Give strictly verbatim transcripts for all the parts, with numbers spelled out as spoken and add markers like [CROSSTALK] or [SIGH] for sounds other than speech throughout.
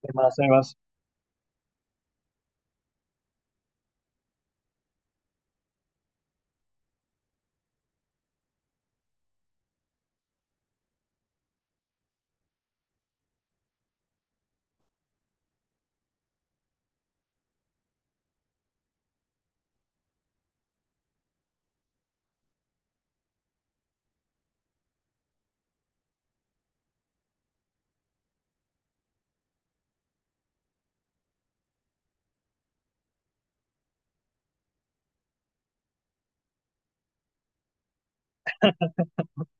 ¿Qué Sebas? [LAUGHS]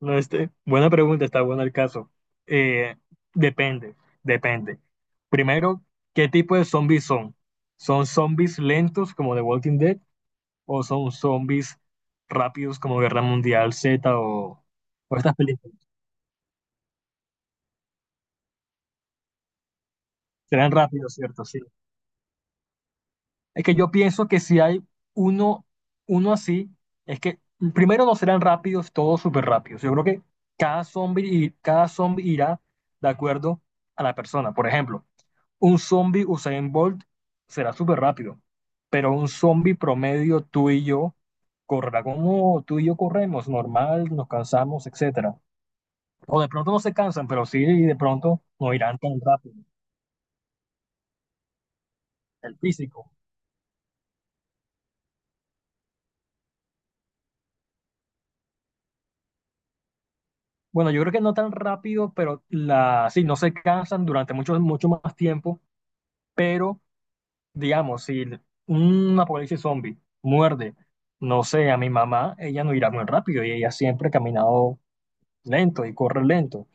No, este, buena pregunta, está bueno el caso. Eh, depende, depende. Primero, ¿qué tipo de zombies son? ¿Son zombies lentos como The Walking Dead o son zombies rápidos como Guerra Mundial Z o, o estas películas? Serán rápidos, ¿cierto? Sí. Es que yo pienso que si hay uno, uno así, es que primero no serán rápidos, todos súper rápidos. Yo creo que cada zombie, cada zombie irá de acuerdo a la persona. Por ejemplo, un zombie Usain Bolt será súper rápido, pero un zombie promedio tú y yo correrá como tú y yo corremos, normal, nos cansamos, etcétera. O de pronto no se cansan, pero sí de pronto no irán tan rápido. El físico. Bueno, yo creo que no tan rápido, pero la, sí, no se cansan durante mucho, mucho más tiempo, pero digamos, si l- un apocalipsis zombie muerde, no sé, a mi mamá, ella no irá muy rápido y ella siempre ha caminado lento y corre lento.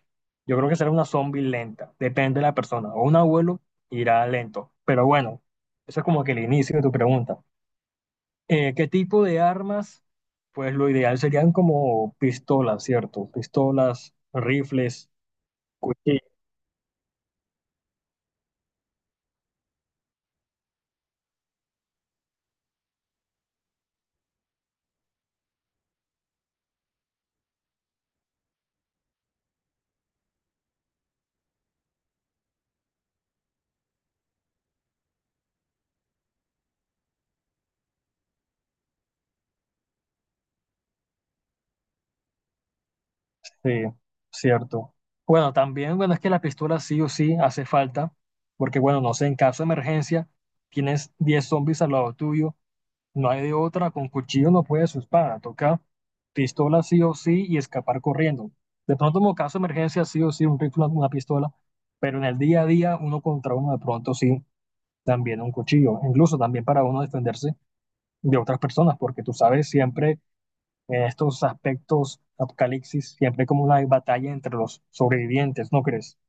Yo creo que será una zombie lenta, depende de la persona, o un abuelo irá lento. Pero bueno, eso es como que el inicio de tu pregunta. Eh, ¿qué tipo de armas? Pues lo ideal serían como pistolas, ¿cierto? Pistolas, rifles, cuchillos. Sí, cierto. Bueno, también, bueno, es que la pistola sí o sí hace falta, porque bueno, no sé, en caso de emergencia, tienes diez zombies al lado tuyo, no hay de otra, con cuchillo no puedes su espada, toca pistola sí o sí y escapar corriendo. De pronto, como caso de emergencia, sí o sí, un rifle, una pistola, pero en el día a día, uno contra uno, de pronto sí, también un cuchillo, incluso también para uno defenderse de otras personas, porque tú sabes, siempre en estos aspectos apocalipsis, siempre hay como una batalla entre los sobrevivientes, ¿no crees?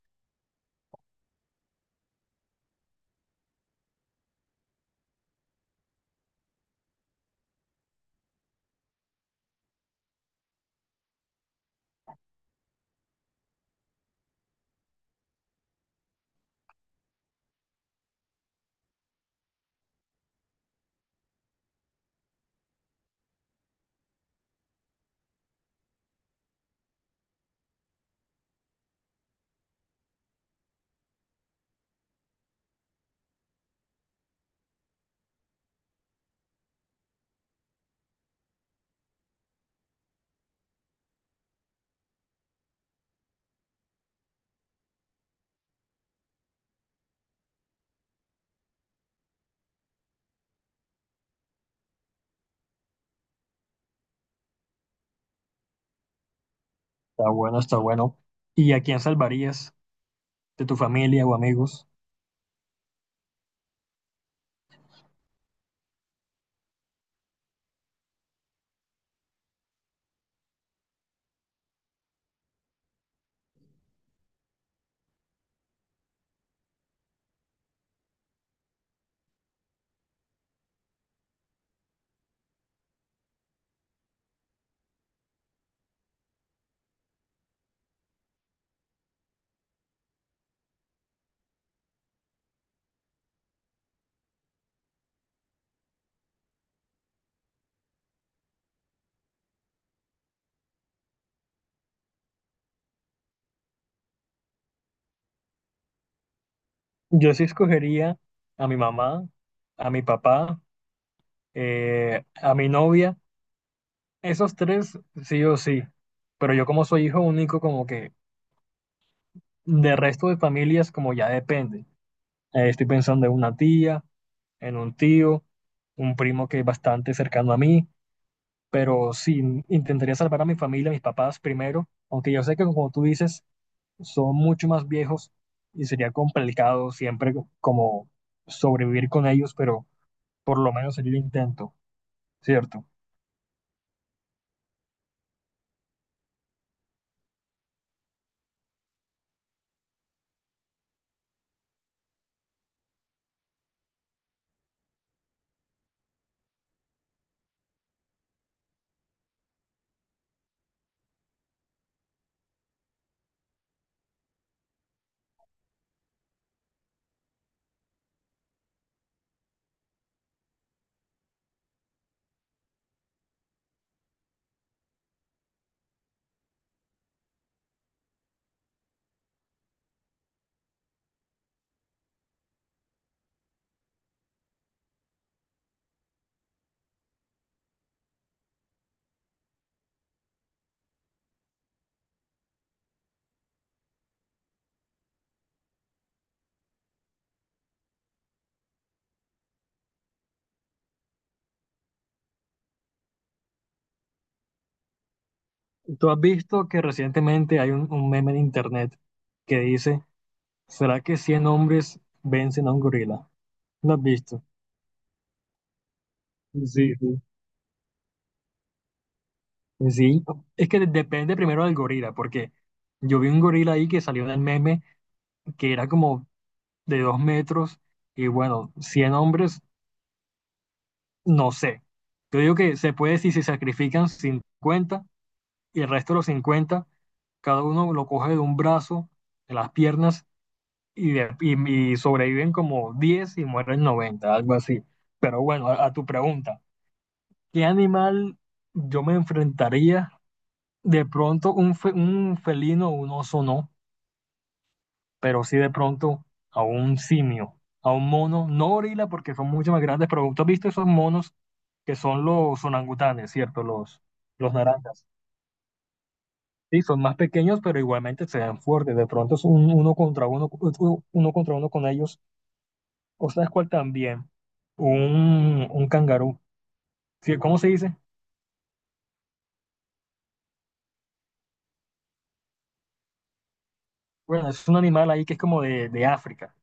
Está bueno, está bueno. ¿Y a quién salvarías de tu familia o amigos? Yo sí escogería a mi mamá, a mi papá, eh, a mi novia, esos tres sí o sí, pero yo como soy hijo único, como que de resto de familias como ya depende. Eh, estoy pensando en una tía, en un tío, un primo que es bastante cercano a mí, pero sí, intentaría salvar a mi familia, a mis papás primero, aunque yo sé que como tú dices, son mucho más viejos y sería complicado siempre como sobrevivir con ellos, pero por lo menos sería el intento, ¿cierto? Tú has visto que recientemente hay un, un meme en internet que dice, ¿será que cien hombres vencen a un gorila? ¿Lo has visto? Sí, sí. Sí, es que de- depende primero del gorila, porque yo vi un gorila ahí que salió en el meme que era como de dos metros y bueno, cien hombres, no sé. Yo digo que se puede si se sacrifican cincuenta y el resto de los cincuenta cada uno lo coge de un brazo, de las piernas y, de- y- y sobreviven como diez y mueren noventa algo así. Pero bueno, a, a tu pregunta, ¿qué animal yo me enfrentaría? De pronto un, fe- un felino, un oso no, pero sí de pronto a un simio, a un mono, no gorila porque son mucho más grandes, pero tú has visto esos monos que son los orangutanes, ¿cierto? Los, los naranjas. Sí, son más pequeños, pero igualmente se dan fuertes. De pronto es un- uno contra uno, u- uno contra uno con ellos. ¿O sabes cuál también? Un, un cangarú. Sí, ¿cómo se dice? Bueno, es un animal ahí que es como de, de África.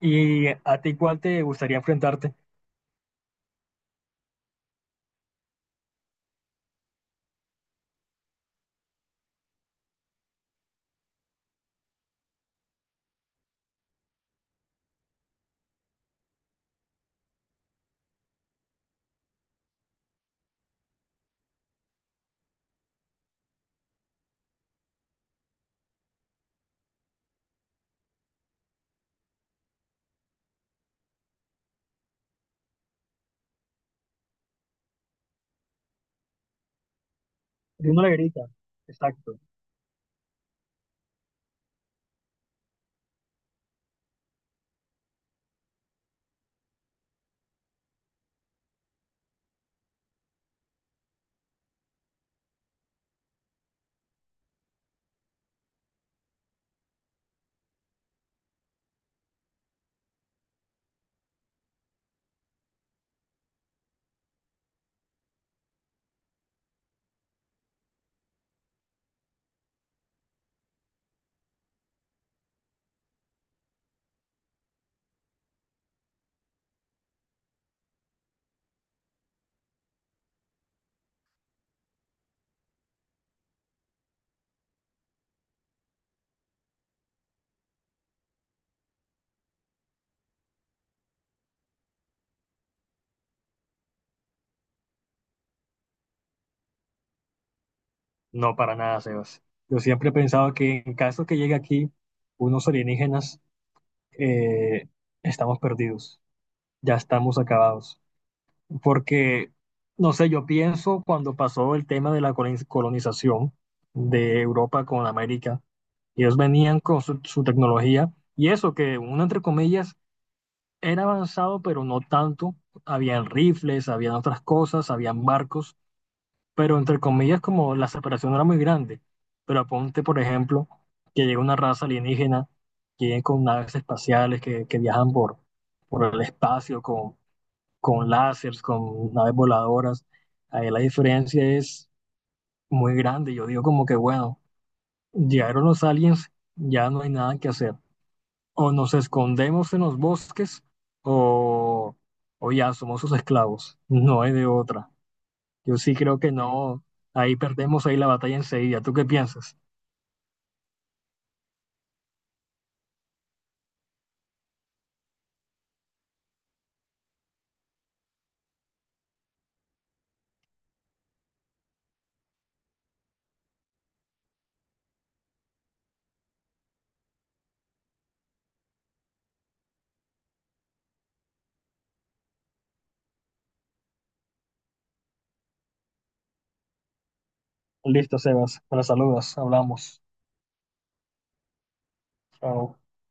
¿Y a ti cuál te gustaría enfrentarte? Uno le grita. Exacto. No, para nada, Sebas. Yo siempre he pensado que en caso que llegue aquí unos alienígenas, eh, estamos perdidos, ya estamos acabados. Porque, no sé, yo pienso cuando pasó el tema de la coloniz- colonización de Europa con América, ellos venían con su, su tecnología y eso que uno, entre comillas, era avanzado, pero no tanto. Habían rifles, habían otras cosas, habían barcos, pero entre comillas como la separación no era muy grande. Pero aponte, por ejemplo, que llega una raza alienígena que viene con naves espaciales que, que viajan por, por el espacio con, con láseres, con naves voladoras. Ahí la diferencia es muy grande. Yo digo como que, bueno, llegaron los aliens, ya no hay nada que hacer. O nos escondemos en los bosques o, o ya somos sus esclavos. No hay de otra. Yo sí creo que no. Ahí perdemos ahí la batalla enseguida. ¿Tú qué piensas? Listo, Sebas. Me la saludas. Hablamos. Chao.